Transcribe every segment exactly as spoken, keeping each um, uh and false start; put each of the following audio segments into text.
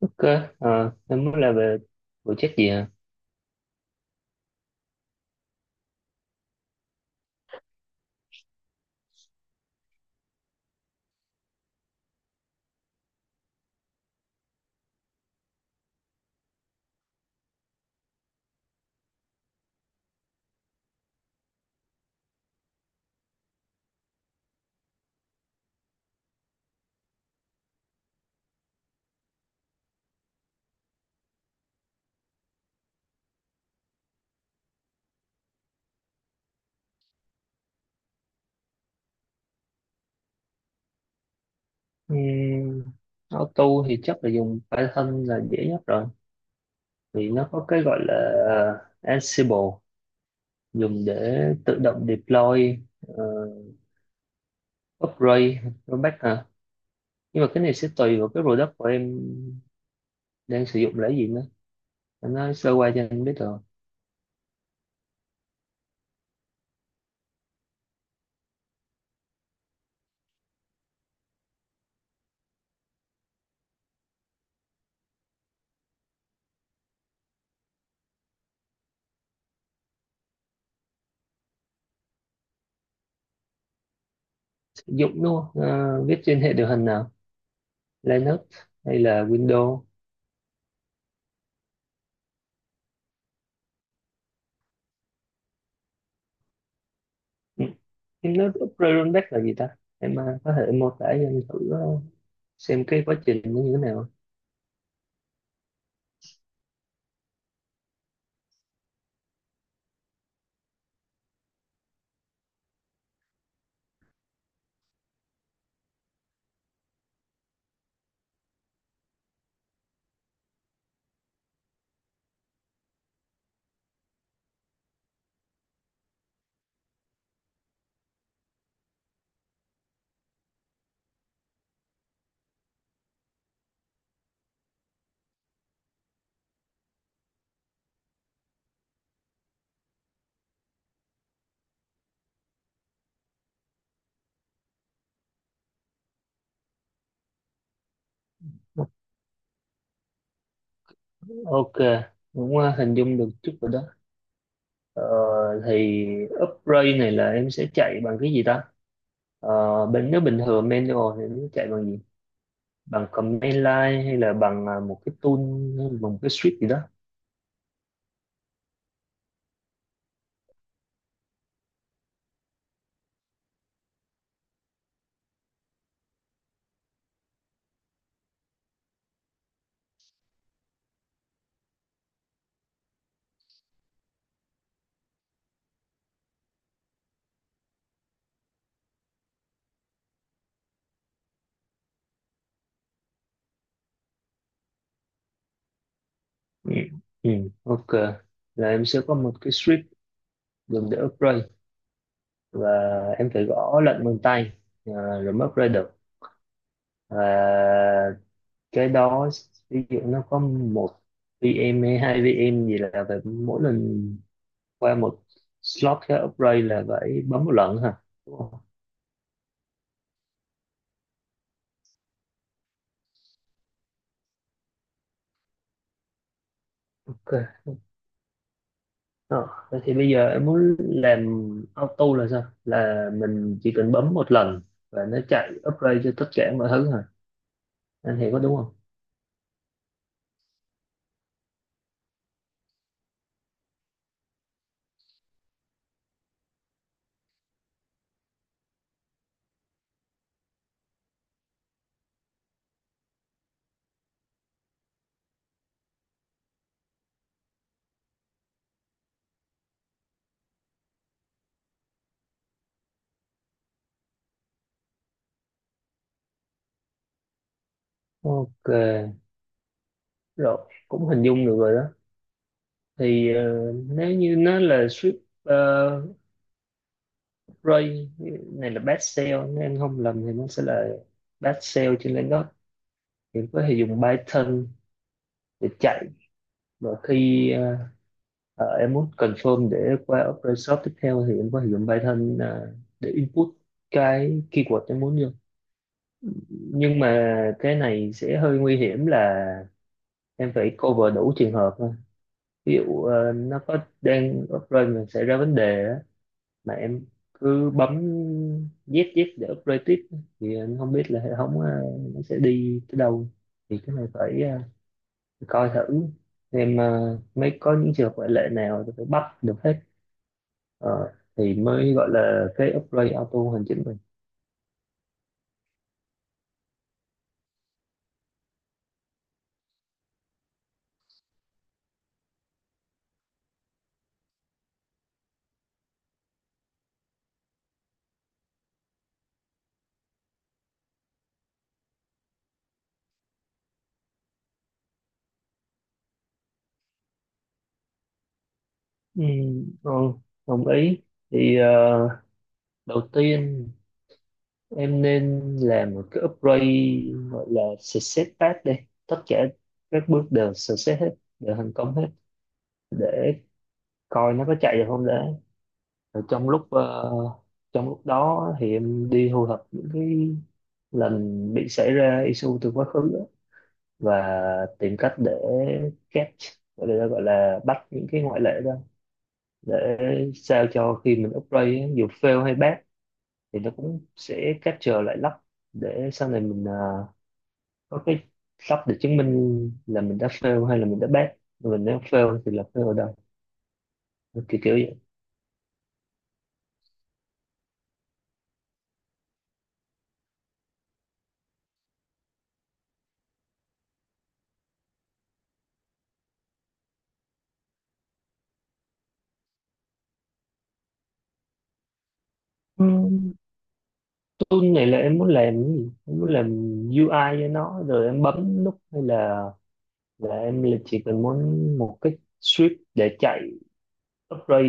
Ok. Ờ, em muốn là về về chất gì hả? Uhm, Auto thì chắc là dùng Python là dễ nhất rồi, vì nó có cái gọi là ờ, Ansible, dùng để tự động deploy, ờ, upgrade, rollback hả? Nhưng mà cái này sẽ tùy vào cái product của em đang sử dụng là cái gì nữa, em nói sơ qua cho anh biết rồi sử dụng đúng không? Ờ, viết trên hệ điều hành nào, Linux hay là Windows? Em Hypnotic Rollback là gì ta? Em à, có thể mô tả cho anh thử ờ, xem cái quá trình nó như thế nào. Ok, cũng ờ, hình dung được chút rồi đó. Ờ, thì upgrade này là em sẽ chạy bằng cái gì ta? Ờ, bên nếu bình thường manual thì em sẽ chạy bằng gì? Bằng command line hay là bằng ờ, một cái tool, hay là bằng một cái script gì đó? Ừ. Ừ. Ok, là em sẽ có một cái script dùng để upgrade, và em phải gõ lệnh bằng tay ờ, rồi mới upgrade được. Và cái đó, ví dụ nó có một vê em hay hai vê em gì là phải mỗi lần qua một slot cái upgrade là phải bấm một lần hả, đúng không? Ok. Ờ, vậy thì bây giờ em muốn làm auto là sao, là mình chỉ cần bấm một lần và nó chạy upgrade cho tất cả mọi thứ hả, anh hiểu có đúng không? Ok, rồi, cũng hình dung được rồi đó. Thì ờ, nếu như nó là strip. Rồi, này là best sale, nếu em không lầm thì nó sẽ là best sale trên Linux, thì có thể dùng Python để chạy. Và khi ờ, ờ, em muốn confirm để qua Opera Shop tiếp theo thì em có thể dùng Python ờ, để input cái keyword em muốn vô. Nhưng mà cái này sẽ hơi nguy hiểm là em phải cover đủ trường hợp thôi. Ví dụ ờ, nó có đang Opera mà xảy ra vấn đề mà em cứ bấm dép dép để upload tiếp thì anh không biết là hệ thống ờ, nó sẽ đi tới đâu. Thì cái này phải ờ, coi thử xem ờ, mới có những trường hợp ngoại lệ nào thì phải bắt được hết. Ờ, thì mới gọi là cái upgrade auto hoàn chỉnh mình. ừ, ừ, Đồng ý. Thì ờ, đầu tiên em nên làm một cái upgrade gọi là success path đây, tất cả các bước đều success hết, đều thành công hết, để coi nó có chạy được không đấy. Rồi trong lúc ờ, trong lúc đó thì em đi thu thập những cái lần bị xảy ra issue từ quá khứ á, và tìm cách để catch, gọi là gọi là bắt những cái ngoại lệ ra, để sao cho khi mình upgrade á, dù fail hay pass thì nó cũng sẽ capture lại lắp, để sau này mình ờ, có cái lắp để chứng minh là mình đã fail hay là mình đã pass mình, nếu fail thì là fail ở đâu, kiểu kiểu vậy. Ừ. Tôi nghĩ là em muốn làm cái gì, em muốn làm u ai cho nó rồi em bấm nút, hay là là em là chỉ cần muốn một cái script để chạy upgrade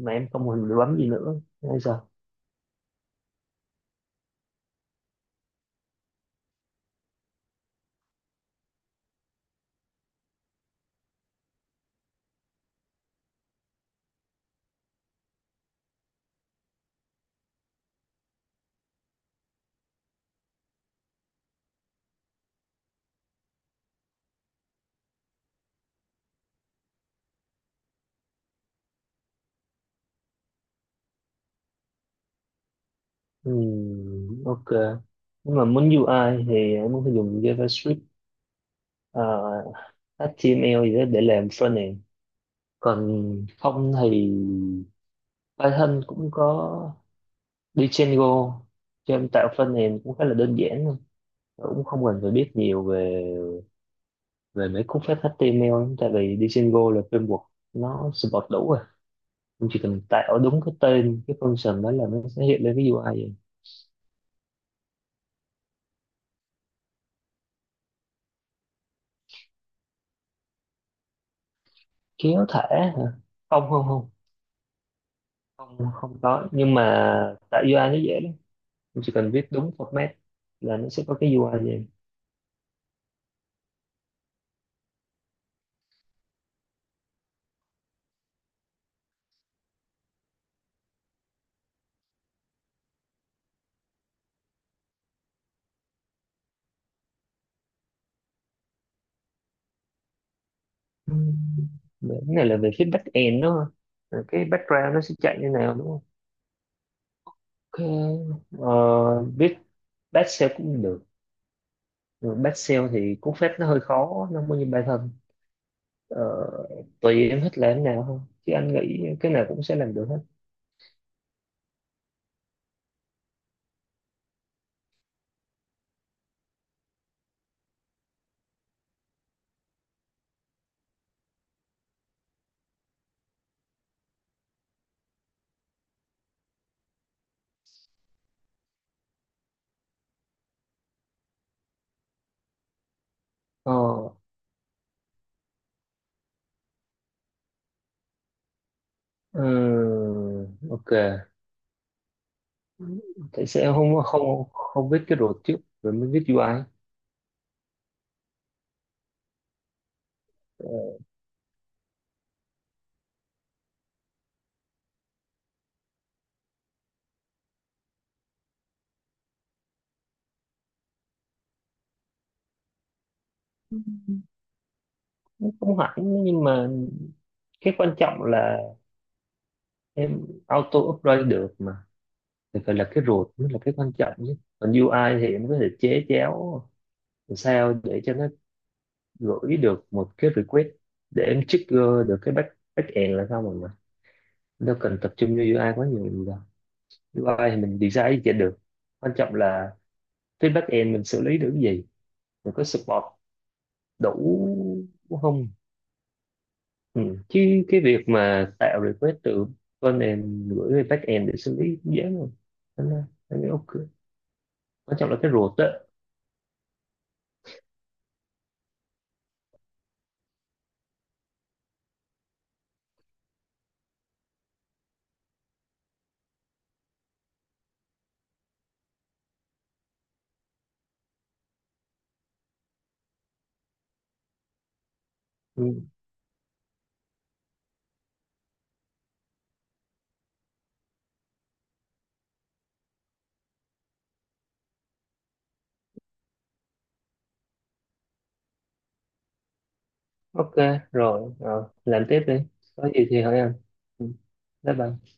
mà em không cần phải bấm gì nữa hay sao? Ừm, ok. Nhưng mà muốn u ai thì em muốn phải dùng JavaScript, à, hát tê em lờ gì đó để làm frontend. Còn không thì Python cũng có Django cho em tạo frontend cũng khá là đơn giản thôi, cũng không cần phải biết nhiều về về mấy cú phép hát tê em lờ, tại vì đi single là framework, nó support đủ rồi, em chỉ cần tạo đúng cái tên cái function đó là nó sẽ hiện lên cái u ai vậy. Kéo thả hả? Không không không Không không có, nhưng mà tạo u ai nó dễ lắm, em chỉ cần viết đúng format là nó sẽ có cái u ai vậy. Ừm, cái này là về phía back end đúng không? Rồi cái background nó sẽ chạy như nào đúng không? Ok, ờ, viết back shell cũng được. Back shell thì cú phép nó hơi khó, nó không có như Python. Ờ, tùy em thích làm thế nào không, chứ anh nghĩ cái nào cũng sẽ làm được hết. ờ ừm, ok. Tại sao em không không không viết cái road trước rồi mới viết u ai? Ờ, không hẳn, nhưng mà cái quan trọng là em auto upgrade được mà, thì phải là cái root mới là cái quan trọng, chứ còn u ai thì em có thể chế chéo làm sao để cho nó gửi được một cái request để em trigger được cái back backend là sao rồi mà, đâu cần tập trung vô u ai quá nhiều. u ai thì mình design gì cho được, quan trọng là phía back end mình xử lý được cái gì, mình có support đủ không. Ừ. Chứ cái việc mà tạo request từ front gửi về back end để xử lý cũng dễ rồi. Thế nên là anh nghĩ ok, quan trọng là cái ruột đó. Ừ. Ok, rồi Rồi, làm tiếp đi, có gì thì hỏi anh. Ừ. Bye bye.